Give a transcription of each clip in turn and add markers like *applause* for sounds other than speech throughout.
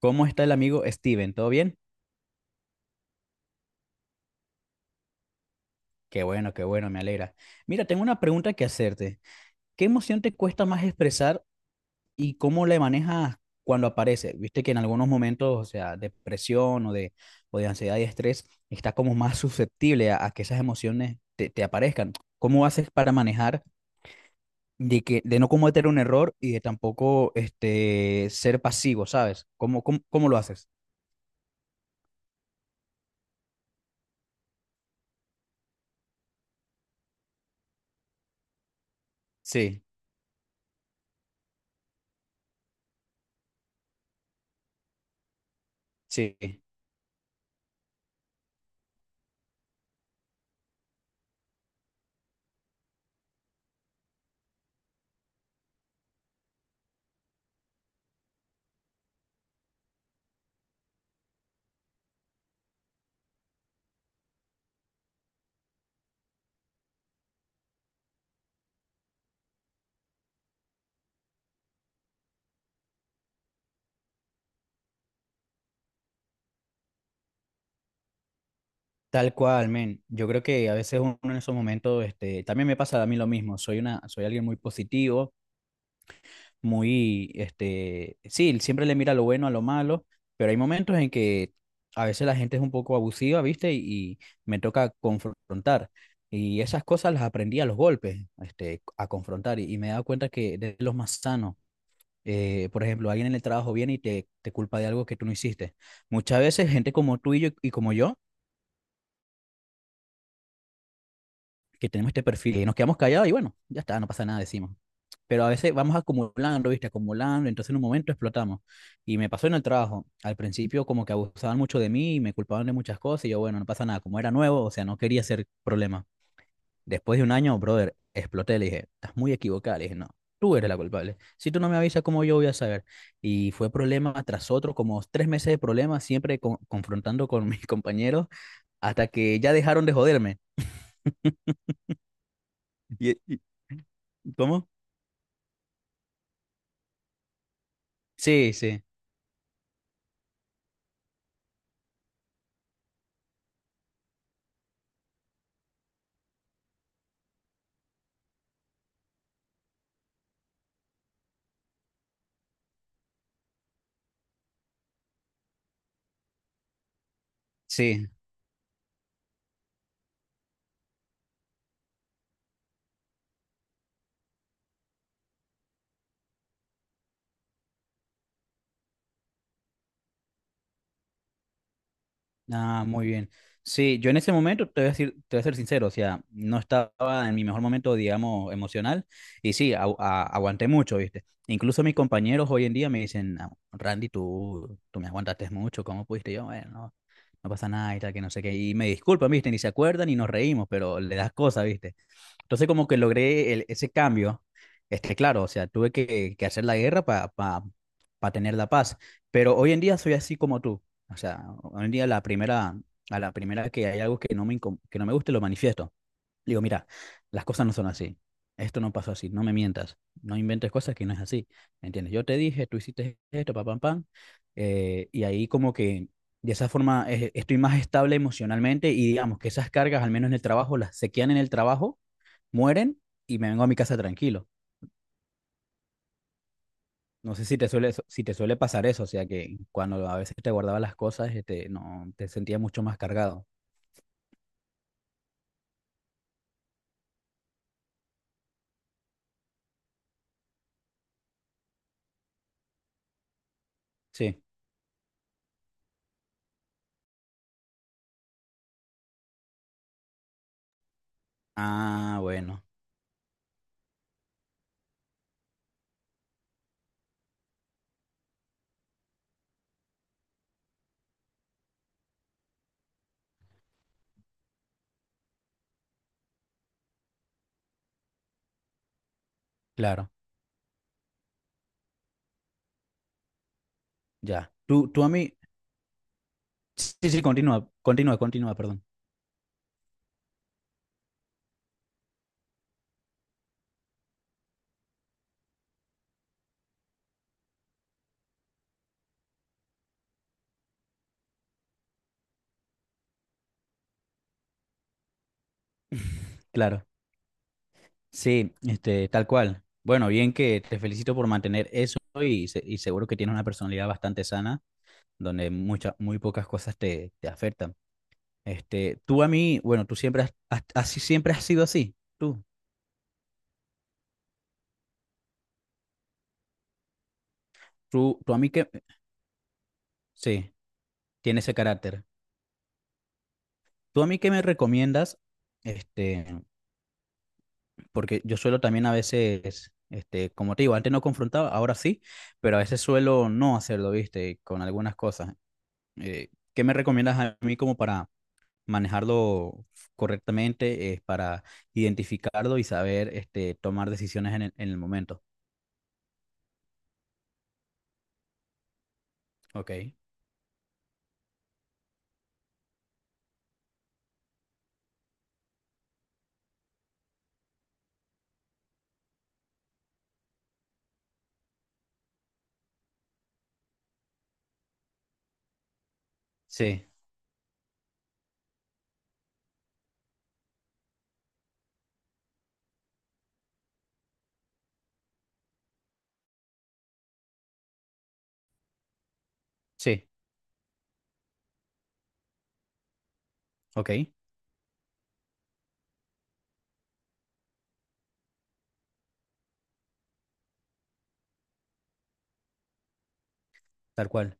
¿Cómo está el amigo Steven? ¿Todo bien? Qué bueno, me alegra. Mira, tengo una pregunta que hacerte. ¿Qué emoción te cuesta más expresar y cómo la manejas cuando aparece? Viste que en algunos momentos, o sea, depresión o de ansiedad y estrés, estás como más susceptible a que esas emociones te aparezcan. ¿Cómo haces para manejar de que de no cometer un error y de tampoco este ser pasivo, ¿sabes? ¿Cómo, cómo, cómo lo haces? Sí, sí. Tal cual, men. Yo creo que a veces uno en esos momentos, este, también me pasa a mí lo mismo. Soy alguien muy positivo, muy, este, sí, siempre le mira lo bueno a lo malo, pero hay momentos en que a veces la gente es un poco abusiva, ¿viste? Y me toca confrontar. Y esas cosas las aprendí a los golpes, este, a confrontar. Y me he dado cuenta que de los más sanos, por ejemplo, alguien en el trabajo viene y te culpa de algo que tú no hiciste. Muchas veces gente como tú y yo, y como yo que tenemos este perfil y nos quedamos callados y bueno, ya está, no pasa nada, decimos. Pero a veces vamos acumulando, ¿viste? Acumulando, entonces en un momento explotamos. Y me pasó en el trabajo. Al principio como que abusaban mucho de mí y me culpaban de muchas cosas y yo, bueno, no pasa nada. Como era nuevo, o sea, no quería hacer problema. Después de un año, brother, exploté, le dije, estás muy equivocada, le dije, no. Tú eres la culpable. Si tú no me avisas, ¿cómo yo voy a saber? Y fue problema tras otro, como tres meses de problemas, siempre confrontando con *laughs* mis compañeros, hasta que ya dejaron de joderme. Y, y- ¿Cómo? Sí, sí, sí. Ah, muy bien. Sí, yo en ese momento te voy a decir, te voy a ser sincero, o sea, no estaba en mi mejor momento, digamos, emocional, y sí, aguanté mucho, ¿viste? Incluso mis compañeros hoy en día me dicen, "Ah, Randy, tú me aguantaste mucho, ¿cómo pudiste? Y yo, bueno, no, no pasa nada y tal, que no sé qué, y me disculpan, ¿viste? Ni se acuerdan y nos reímos, pero le das cosas, ¿viste? Entonces como que logré ese cambio, este, claro, o sea, tuve que hacer la guerra para tener la paz, pero hoy en día soy así como tú, o sea, hoy en día la primera, a la primera que hay algo que no me, que no me guste, lo manifiesto. Digo, mira, las cosas no son así, esto no pasó así, no me mientas, no inventes cosas que no es así, ¿me entiendes? Yo te dije, tú hiciste esto, pa, pam, pam, y ahí como que... De esa forma estoy más estable emocionalmente y digamos que esas cargas, al menos en el trabajo, las se quedan en el trabajo mueren y me vengo a mi casa tranquilo. No sé si te suele, si te suele pasar eso, o sea que cuando a veces te guardaba las cosas, este, no, te sentías mucho más cargado. Sí. Ah, bueno, claro, ya. Sí, sí, sí, continúa, continúa, continúa, perdón. *laughs* Claro, sí, este, tal cual. Bueno, bien que te felicito por mantener eso y, y seguro que tienes una personalidad bastante sana, donde muchas, muy pocas cosas te afectan. Este, tú a mí, bueno, tú siempre así siempre has sido así, tú. Tú a mí que, sí, tiene ese carácter. Tú a mí que me recomiendas, este, porque yo suelo también a veces, este, como te digo, antes no confrontaba, ahora sí, pero a veces suelo no hacerlo, viste, con algunas cosas. ¿Qué me recomiendas a mí como para manejarlo correctamente, para identificarlo y saber, este, tomar decisiones en el momento? Ok. Sí, sí, ok, tal cual,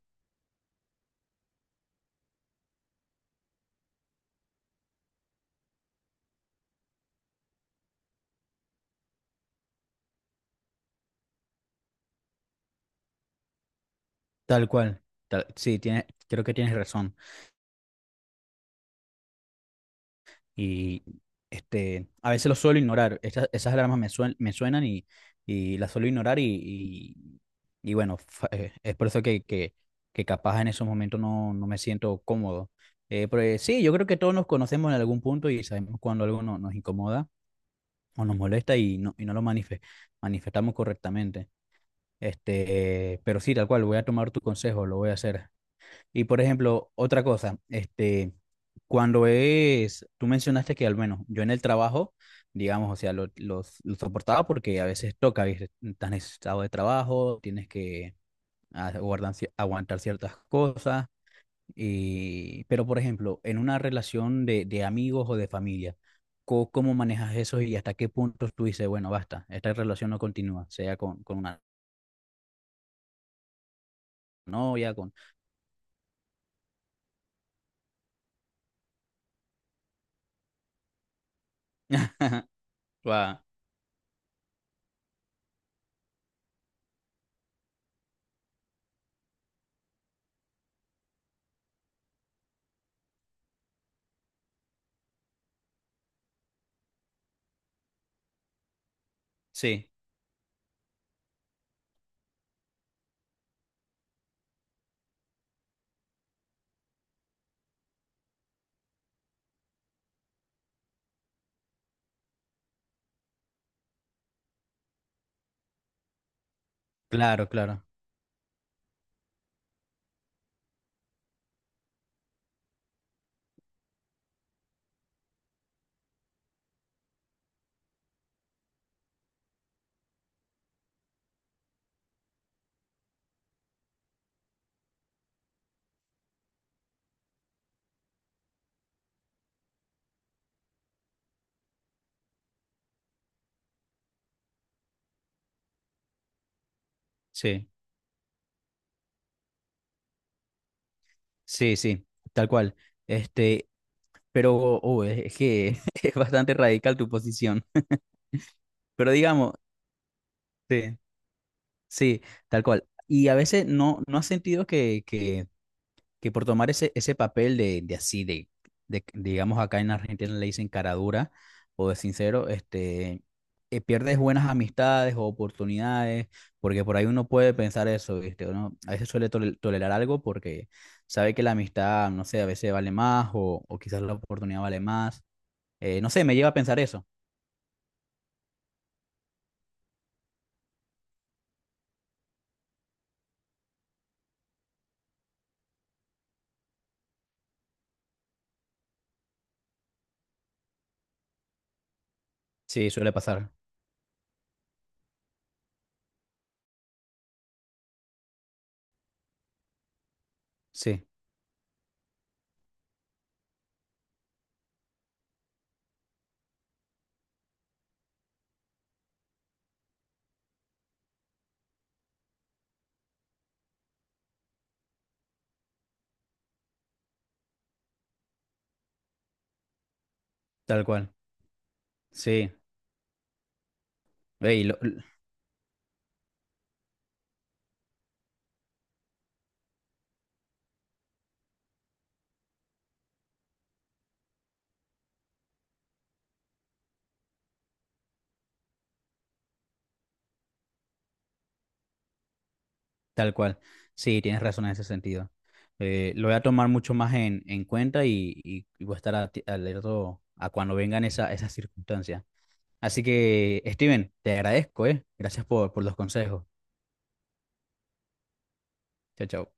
tal cual. Tal- sí, tiene, creo que tienes razón. Y este, a veces lo suelo ignorar. Esas alarmas me, me suenan y las suelo ignorar y bueno, es por eso que capaz en esos momentos no, no me siento cómodo. Pero sí, yo creo que todos nos conocemos en algún punto y sabemos cuando algo nos incomoda o nos molesta y no lo manifestamos correctamente. Este, pero sí, tal cual, voy a tomar tu consejo, lo voy a hacer. Y por ejemplo, otra cosa, este, cuando es, tú mencionaste que al menos yo en el trabajo, digamos, o sea, lo, lo soportaba porque a veces toca, ¿viste? Estás necesitado de trabajo, tienes que aguantar ciertas cosas, y, pero por ejemplo, en una relación de amigos o de familia, ¿cómo manejas eso y hasta qué punto tú dices, bueno, basta, esta relación no continúa, sea con una novia, con... *laughs* Ah, sí, claro, claro, sí. Sí, sí, tal cual. Este, pero es que *laughs* es bastante radical tu posición. Pero digamos, sí, sí, tal cual. Y a veces no, no has sentido que por tomar ese, ese papel de así, de, digamos acá en Argentina le dicen caradura o de sincero, este, pierdes buenas amistades o oportunidades, porque por ahí uno puede pensar eso, ¿viste? Uno a veces suele tolerar algo porque sabe que la amistad, no sé, a veces vale más o quizás la oportunidad vale más. No sé, me lleva a pensar eso. Sí, suele pasar. Sí, tal cual. Sí. Ey, lo- Tal cual. Sí, tienes razón en ese sentido. Lo voy a tomar mucho más en cuenta y voy a estar alerto a cuando vengan esa, esas circunstancias. Así que, Steven, te agradezco, ¿eh? Gracias por los consejos. Chao, chao.